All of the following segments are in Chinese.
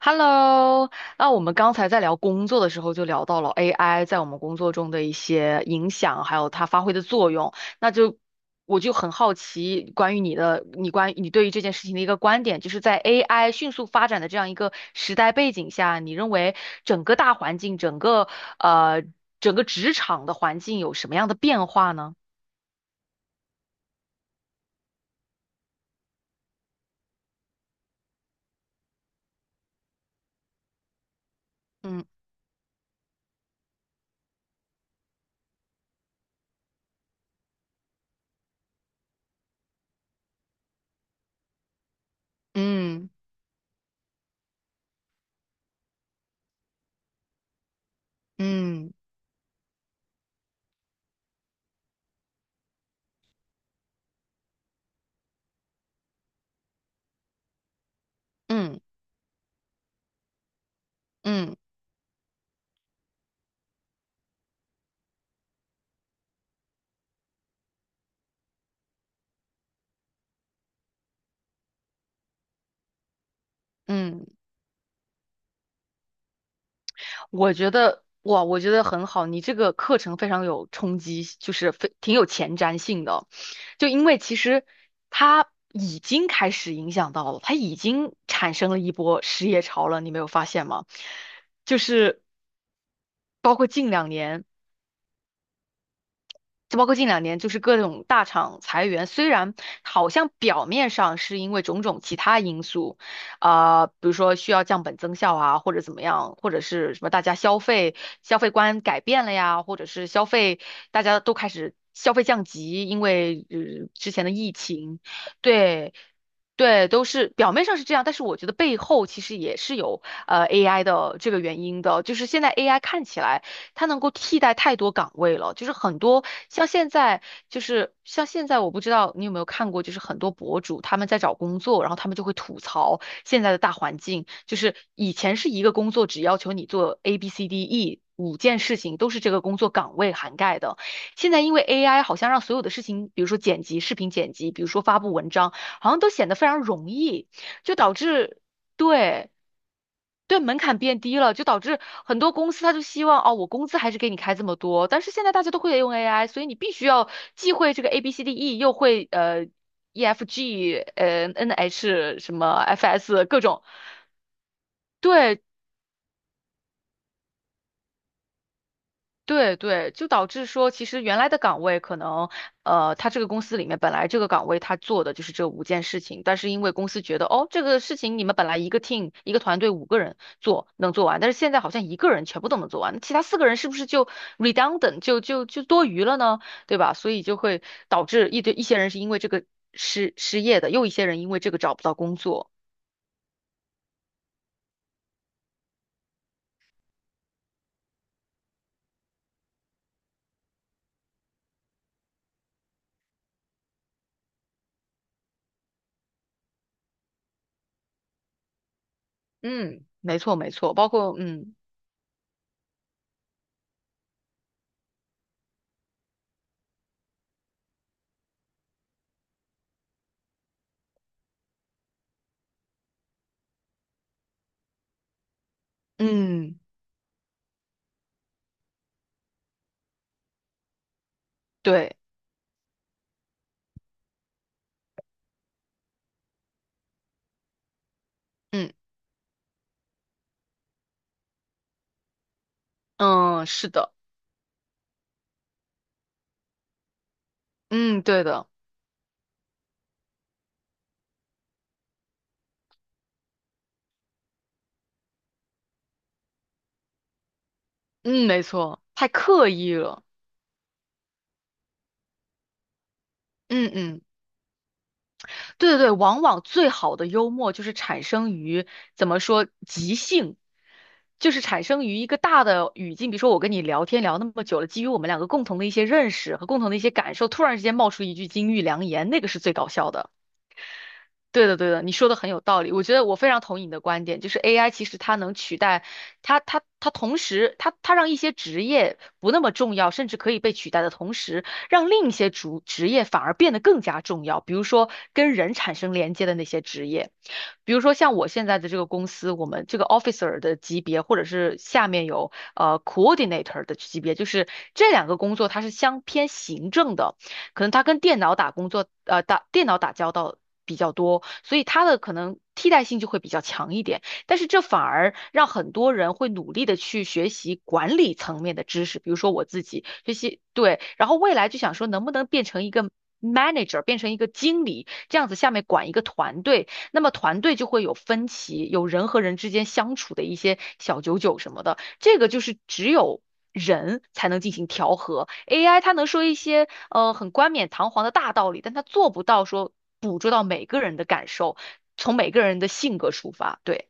Hello，那我们刚才在聊工作的时候，就聊到了 AI 在我们工作中的一些影响，还有它发挥的作用。那就我就很好奇，关于你的，你关于你对于这件事情的一个观点，就是在 AI 迅速发展的这样一个时代背景下，你认为整个大环境，呃整个职场的环境有什么样的变化呢？嗯嗯嗯嗯嗯嗯嗯。我觉得哇，我觉得很好，你这个课程非常有冲击，就是非挺有前瞻性的，就因为其实它已经开始影响到了，它已经产生了一波失业潮了，你没有发现吗？就是包括近两年。就包括近两年，就是各种大厂裁员，虽然好像表面上是因为种种其他因素，比如说需要降本增效啊，或者怎么样，或者是什么大家消费观改变了呀，或者是消费大家都开始消费降级，之前的疫情，对。对，都是表面上是这样，但是我觉得背后其实也是有AI 的这个原因的，就是现在 AI 看起来它能够替代太多岗位了，就是很多像现在就是像现在，我不知道你有没有看过，就是很多博主他们在找工作，然后他们就会吐槽现在的大环境，就是以前是一个工作只要求你做 A B C D E。五件事情都是这个工作岗位涵盖的。现在因为 AI 好像让所有的事情，比如说剪辑、视频剪辑，比如说发布文章，好像都显得非常容易，就导致，对，对，门槛变低了，就导致很多公司他就希望哦，我工资还是给你开这么多。但是现在大家都会用 AI，所以你必须要既会这个 A B C D E，又会 E F G N H 什么 F S 各种。对，对对，就导致说，其实原来的岗位可能，呃，他这个公司里面本来这个岗位他做的就是这五件事情，但是因为公司觉得，哦，这个事情你们本来一个 team 一个团队五个人做能做完，但是现在好像一个人全部都能做完，那其他四个人是不是就 redundant 就多余了呢？对吧？所以就会导致一堆一些人是因为这个失业的，又一些人因为这个找不到工作。嗯，没错,没错，包括嗯嗯对嗯嗯是的，嗯对的。嗯，没错，太刻意了。嗯嗯，对对对，往往最好的幽默就是产生于怎么说即兴，就是产生于一个大的语境，比如说我跟你聊天聊那么久了，基于我们两个共同的一些认识和共同的一些感受，突然之间冒出一句金玉良言，那个是最搞笑的。对的，对的，你说的很有道理。我觉得我非常同意你的观点，就是 AI 其实它能取代，它同时，它让一些职业不那么重要，甚至可以被取代的同时，让另一些主职业反而变得更加重要。比如说跟人产生连接的那些职业，比如说像我现在的这个公司，我们这个 officer 的级别，或者是下面有coordinator 的级别，就是这两个工作它是相偏行政的。可能他跟电脑打工作，呃，打电脑打交道比较多，所以他的可能替代性就会比较强一点。但是这反而让很多人会努力的去学习管理层面的知识，比如说我自己学习，对，然后未来就想说能不能变成一个 manager，变成一个经理，这样子下面管一个团队，那么团队就会有分歧，有人和人之间相处的一些小九九什么的。这个就是只有人才能进行调和，AI 它能说一些很冠冕堂皇的大道理，但它做不到说捕捉到每个人的感受，从每个人的性格出发。对，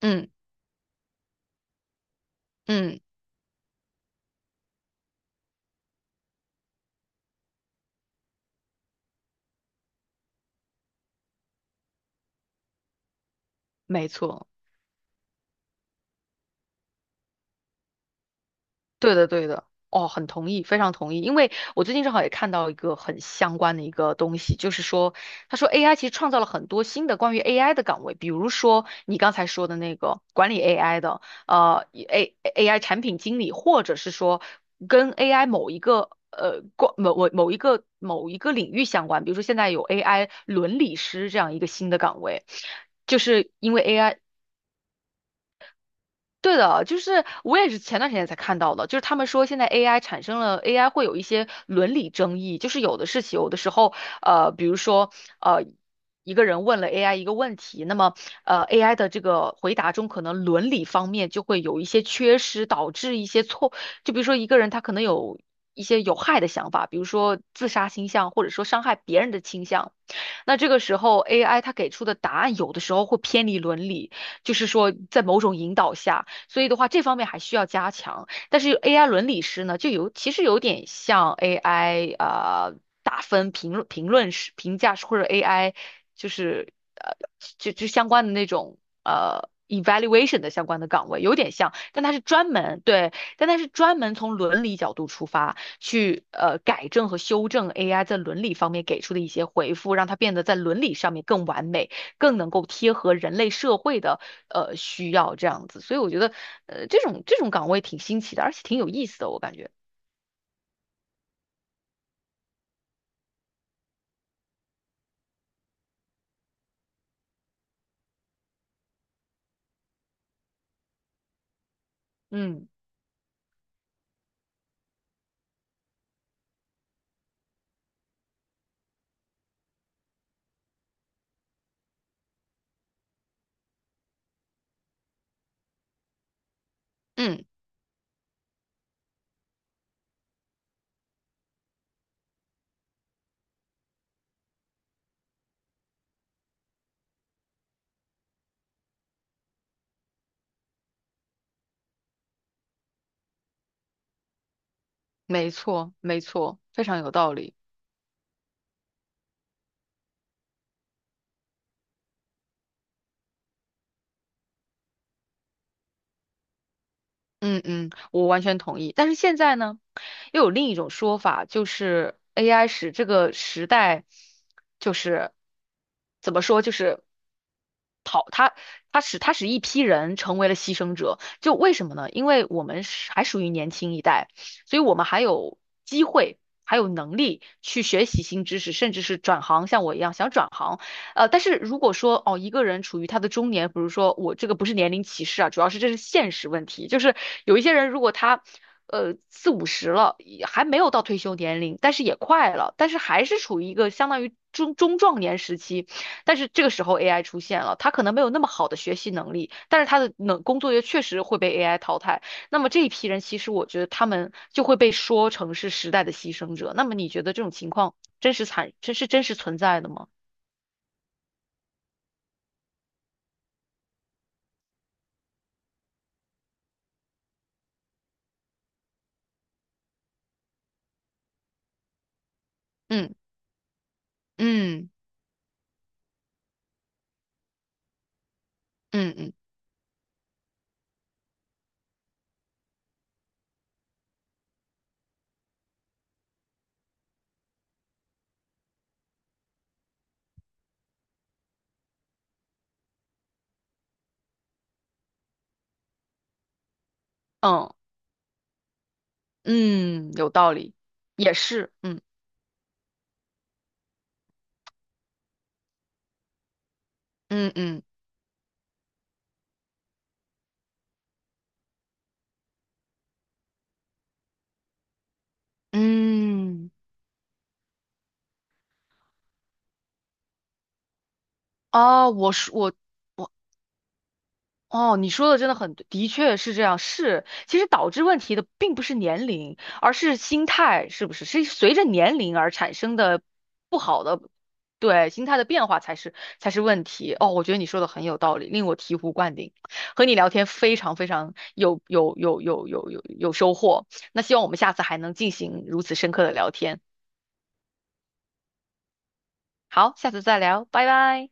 嗯嗯，没错。对的，对的，哦，很同意，非常同意。因为我最近正好也看到一个很相关的一个东西，就是说，他说 AI 其实创造了很多新的关于 AI 的岗位，比如说你刚才说的那个管理 AI 的，呃，AI 产品经理，或者是说跟 AI 某一个呃关某某某一个某一个领域相关，比如说现在有 AI 伦理师这样一个新的岗位。就是因为 AI 对的，就是我也是前段时间才看到的，就是他们说现在 AI 产生了 AI 会有一些伦理争议，就是有的事情，有的时候，比如说，呃，一个人问了 AI 一个问题，那么，呃，AI 的这个回答中可能伦理方面就会有一些缺失，导致一些错，就比如说一个人他可能有一些有害的想法，比如说自杀倾向，或者说伤害别人的倾向。那这个时候 AI 它给出的答案有的时候会偏离伦理，就是说在某种引导下，所以的话这方面还需要加强。但是 AI 伦理师呢，就有其实有点像 AI 打分评论师评价师或者 AI 就是呃就就相关的那种evaluation 的相关的岗位有点像，但它是专门对，但它是专门从伦理角度出发。去改正和修正 AI 在伦理方面给出的一些回复，让它变得在伦理上面更完美，更能够贴合人类社会的需要这样子。所以我觉得这种岗位挺新奇的，而且挺有意思的，我感觉。嗯嗯，没错没错，非常有道理。嗯嗯，我完全同意。但是现在呢，又有另一种说法，就是 AI 使这个时代，就是怎么说，就是他使一批人成为了牺牲者，就为什么呢？因为我们是还属于年轻一代，所以我们还有机会，还有能力去学习新知识，甚至是转行，像我一样想转行。呃，但是如果说哦，一个人处于他的中年，比如说我这个不是年龄歧视啊，主要是这是现实问题，就是有一些人如果他。呃，四五十了，也还没有到退休年龄，但是也快了，但是还是处于一个相当于中壮年时期，但是这个时候 AI 出现了，它可能没有那么好的学习能力，但是它的能工作也确实会被 AI 淘汰。那么这一批人，其实我觉得他们就会被说成是时代的牺牲者。那么你觉得这种情况真实惨，这是真实存在的吗？嗯嗯嗯嗯嗯嗯，有道理，也是，嗯嗯嗯嗯。啊，我是我哦，你说的真的很对，的确是这样。是，其实导致问题的并不是年龄，而是心态，是不是？是随着年龄而产生的不好的，对，心态的变化才是才是问题。哦，我觉得你说的很有道理，令我醍醐灌顶。和你聊天非常非常有收获。那希望我们下次还能进行如此深刻的聊天。好，下次再聊，拜拜。